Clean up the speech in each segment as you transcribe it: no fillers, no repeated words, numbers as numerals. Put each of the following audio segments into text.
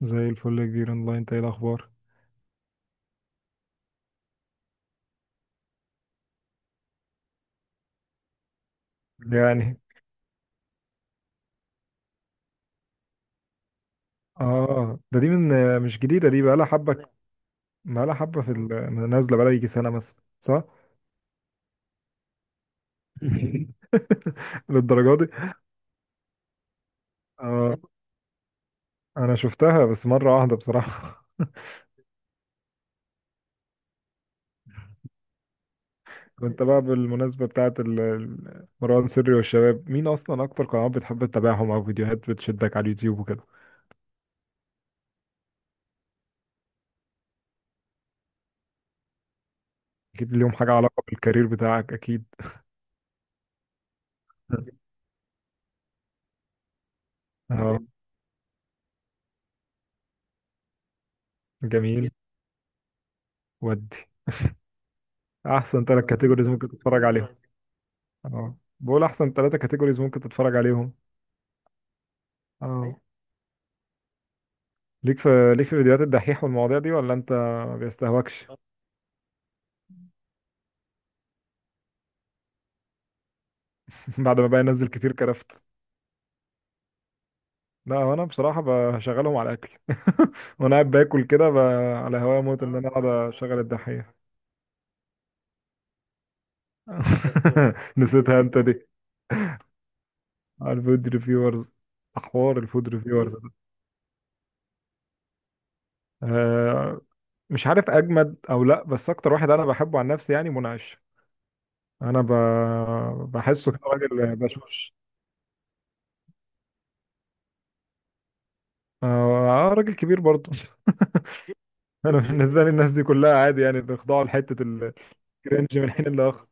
زي الفل يا كبير اونلاين، انت ايه الاخبار؟ يعني الحمد اه ده دي من مش جديده، دي بقى لها حبه. لله بقى لها حبه نازله بقى لها يجي سنه مثلا، صح؟ للدرجه دي؟ اه انا شفتها بس مره واحده بصراحه. كنت بقى بالمناسبه بتاعه مروان سري والشباب، مين اصلا اكتر قنوات بتحب تتابعهم، او فيديوهات بتشدك على اليوتيوب وكده؟ اكيد ليهم حاجه، علاقه بالكارير بتاعك اكيد. اه، جميل. ودي احسن ثلاث كاتيجوريز ممكن تتفرج عليهم. اه، بقول احسن ثلاثة كاتيجوريز ممكن تتفرج عليهم. اه، أيوة. ليك في، ليك في فيديوهات الدحيح والمواضيع دي، ولا انت ما بيستهواكش؟ بعد ما بقى ينزل كتير كرفت. لا، هو انا بصراحة بشغلهم على الاكل. وانا قاعد باكل كده على هوايا موت ان انا اقعد اشغل الدحيح. نسيتها انت بالظبط دي، الفود ريفيورز. احوار الفود ريفيورز ده آه مش عارف اجمد او لا، بس اكتر واحد انا بحبه عن نفسي يعني منعش. انا ب... بحسه كده راجل بشوش. اه راجل كبير برضه. انا بالنسبه لي الناس دي كلها عادي، يعني بيخضعوا لحته الكرنج من حين لاخر.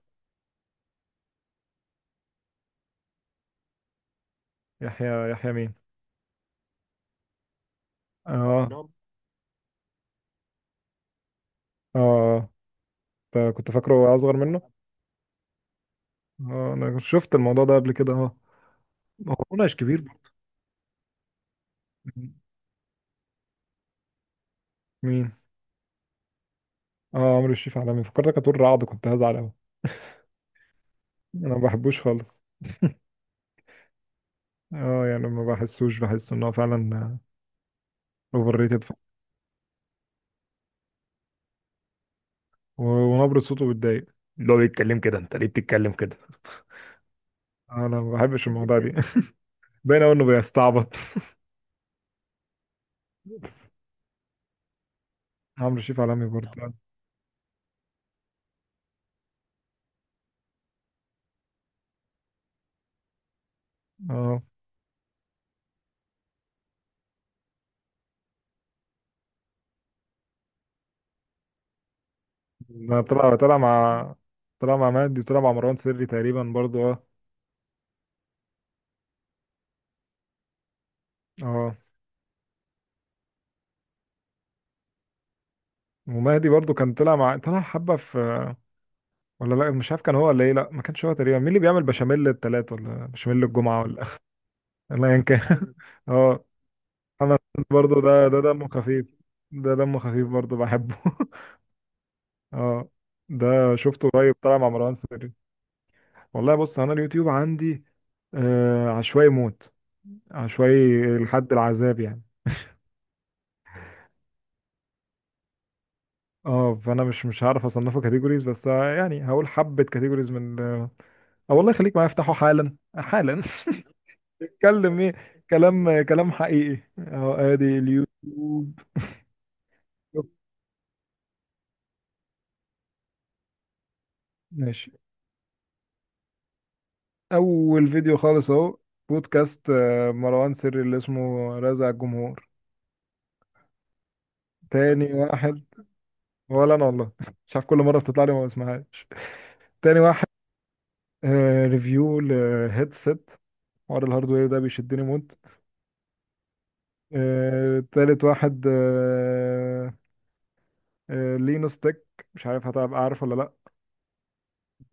يحيى، يحيى مين؟ اه، نعم. اه كنت فاكره اصغر منه. اه، انا شفت الموضوع ده قبل كده، اه. هو مناقش كبير برضه. مين؟ اه، عمرو الشريف عالمي، فكرتك هتقول رعد، كنت هزعل قوي. انا ما بحبوش خالص. اه يعني، ما بحسوش، بحس ان هو فعلا اوفر ريتد، ونبرة صوته بتضايق. اللي هو بيتكلم كده، انت ليه بتتكلم كده؟ انا ما بحبش الموضوع دي. باين قوي انه بيستعبط. عمرو شريف عالمي برضه. اه، ما عمرو طلع مع، طلع مع مهدي، وطلع مع مروان سري تقريبا برضه، اه اه. ومهدي برضه كان طلع مع، طلع حبة في، ولا لا، مش عارف كان هو ولا ايه، لا ما كانش هو تقريبا. مين اللي بيعمل بشاميل التلات، ولا بشاميل الجمعة، ولا ولا ايا كان؟ اه، محمد سعد برضه، ده دمه خفيف. ده دمه خفيف برضه، بحبه. اه، ده شفته قريب طلع مع مروان سري. والله بص، انا اليوتيوب عندي عشوائي موت، عشوائي لحد العذاب يعني. اه، فانا مش هعرف اصنفه كاتيجوريز، بس يعني هقول حبه كاتيجوريز من والله خليك معايا، افتحه حالا حالا. اتكلم ايه؟ كلام، كلام حقيقي، اهو ادي اليوتيوب. ماشي. اول فيديو خالص اهو، بودكاست مروان سري اللي اسمه رازع الجمهور. تاني واحد، ولا انا والله مش عارف، كل مره بتطلع لي ما بسمعهاش. تاني واحد ريفيو لهيدسيت. حوار الهاردوير ده بيشدني موت. تالت واحد لينو ستيك، مش عارف هتبقى عارف ولا لا.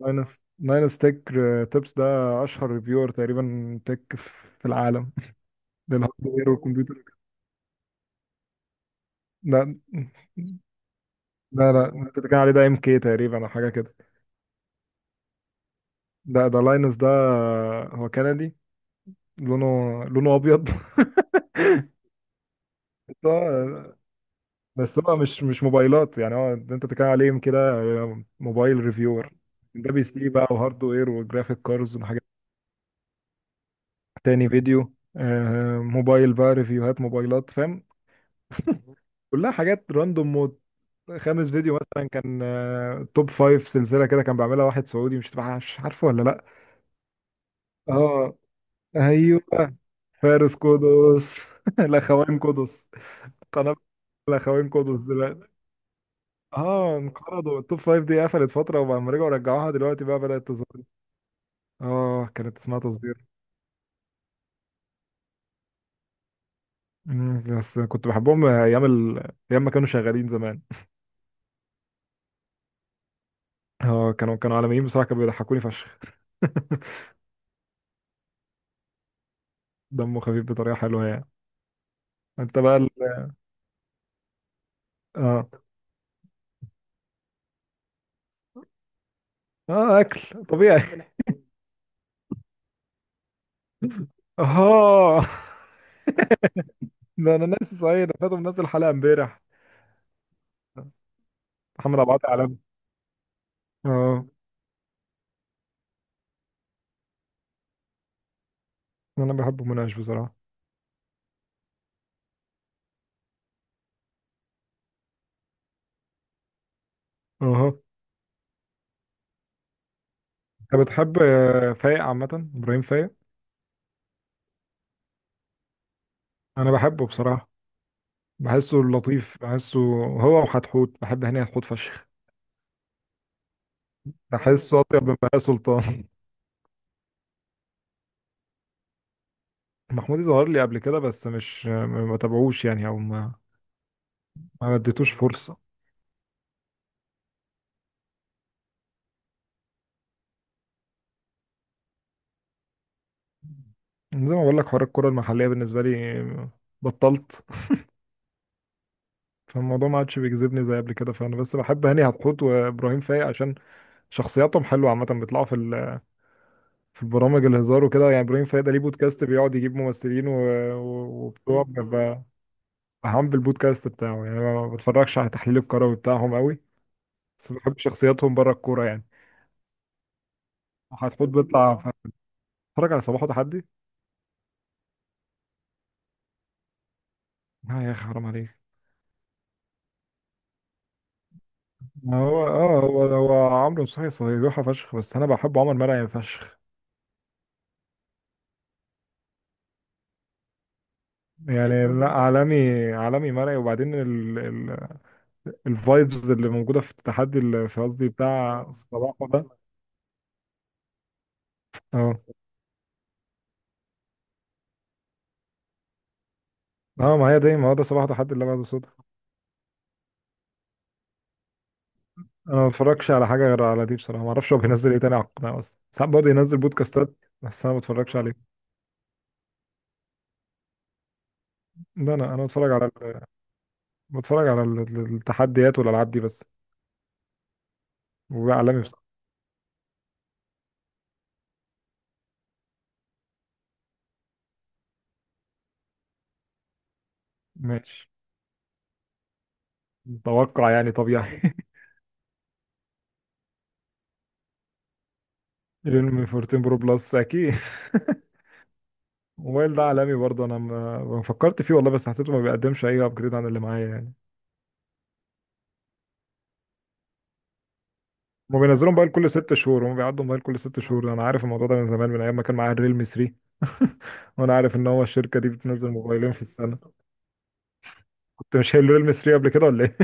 ناين، ناين ستيك تيبس ده اشهر ريفيور تقريبا تك في العالم. للهاردوير والكمبيوتر. لا، لا انت بتتكلم عليه ده ام كي تقريبا او حاجه كده. ده ده لاينس ده، هو كندي، لونه، لونه ابيض. ده- آه، بس هو مش موبايلات يعني، هو ده انت بتتكلم عليه كده، موبايل ريفيور؟ ده بي سي بقى، وهاردوير، وجرافيك كاردز، وحاجات. تاني فيديو موبايل بقى، ريفيوهات موبايلات فاهم؟ كلها حاجات راندوم موت. خامس فيديو مثلا كان توب فايف، سلسله كده كان بيعملها واحد سعودي، مش مش عارفه ولا لا. اه، ايوه. فارس قدس. الاخوان قدس، قناه الاخوان قدس دلوقتي. اه، انقرضوا، التوب فايف دي قفلت فتره، وبعد رجعوا رجعوها دلوقتي بقى بدات تظهر. اه، كانت اسمها تصوير. مم، بس كنت بحبهم ايام ايام ما كانوا شغالين زمان. اه، كانوا عالميين بصراحه، كانوا بيضحكوني فشخ. دمه خفيف بطريقه حلوه يعني. انت بقى ال... اه اه، اكل طبيعي. اه، ده انا ناسي صحيح، ده فاتو منزل حلقه امبارح. محمد عبد العاطي علام. اه، انا بحبه مناقش بصراحه. اه، انت بتحب فايق عامه، ابراهيم فايق؟ انا بحبه بصراحه، بحسه لطيف، بحسه، هو وحتحوت، بحب هاني حتحوت فشخ. بحسه اطيب من بهاء سلطان. محمودي ظهر لي قبل كده، بس مش، ما بتابعوش يعني، او ما، ما اديتوش فرصه. زي ما بقول لك، حوار الكره المحليه بالنسبه لي بطلت. فالموضوع ما عادش بيجذبني زي قبل كده، فانا بس بحب هاني حتحوت وابراهيم فايق عشان شخصياتهم حلوه عامه، بيطلعوا في في البرامج الهزار وكده، يعني ابراهيم فايق ده ليه بودكاست بيقعد يجيب ممثلين وبتوع ببقى بهام بالبودكاست بتاعه. يعني أنا ما بتفرجش على تحليل الكروي بتاعهم قوي، بس بحب شخصياتهم بره الكوره يعني. حتحوت بيطلع ف- اتفرج على صباحه تحدي. آه يا اخي حرام عليك! هو هو عمرو نصوحي صيحة فشخ، بس انا بحب عمر مرعي فشخ يعني. لا، عالمي، عالمي مرعي، وبعدين الفايبز اللي موجوده في التحدي اللي في قصدي بتاع صباحه ده. اه اه، ما هي دي، ما هو ده صباحه تحدي اللي بعده صدفه. انا ما بتفرجش على حاجه غير على دي بصراحه، ما اعرفش هو بينزل ايه تاني على القناه اصلا، ساعات برضه ينزل بودكاستات، بس انا ما بتفرجش عليه. ده انا انا بتفرج على ال- بتفرج على التحديات والالعاب دي بس، وبقى عالمي بس. ماشي. توقع يعني طبيعي. ريلمي 14 برو بلس اكيد. الموبايل ده عالمي برضه، انا ما فكرت فيه والله، بس حسيته ما بيقدمش اي ابجريد عن اللي معايا يعني. هم بينزلوا موبايل كل ست شهور، هم بيعدوا موبايل كل ست شهور، انا عارف الموضوع ده من زمان، من ايام ما كان معايا الريلمي 3. وانا عارف ان هو الشركه دي بتنزل موبايلين في السنه. كنت مش شايل الريلمي 3 قبل كده ولا ايه؟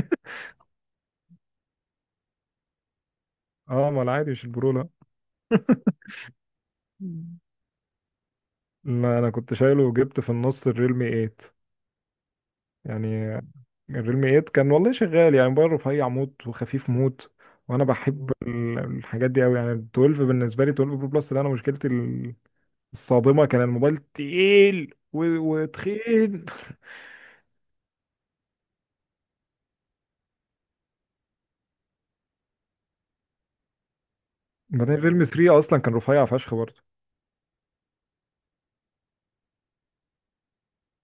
اه، ما العادي مش البرو، لا. مم. ما انا كنت شايله، وجبت في النص الريلمي 8 يعني. الريلمي 8 كان والله شغال يعني، موبايل رفيع موت وخفيف موت، وانا بحب الحاجات دي قوي يعني. ال 12 بالنسبه لي، 12 برو بلس ده، انا مشكلتي الصادمه كان الموبايل تقيل وتخين. بعدين فيلم 3 اصلا كان رفيع فشخ برضه.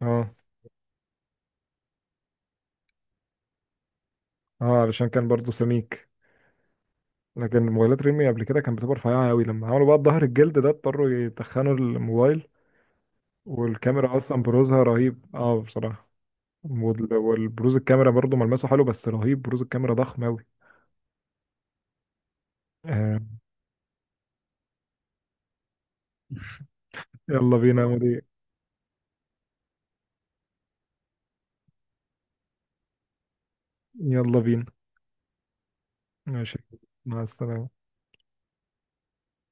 اه اه، علشان كان برضه سميك، لكن موبايلات ريلمي قبل كده كانت بتبقى رفيعه قوي، لما عملوا بقى الظهر الجلد ده اضطروا يتخنوا الموبايل. والكاميرا اصلا بروزها رهيب اه بصراحه. والبروز الكاميرا برضه ملمسه حلو، بس رهيب بروز الكاميرا ضخم قوي. آه. يلا بينا يا مدير. يلا بينا. ماشي، مع السلامه.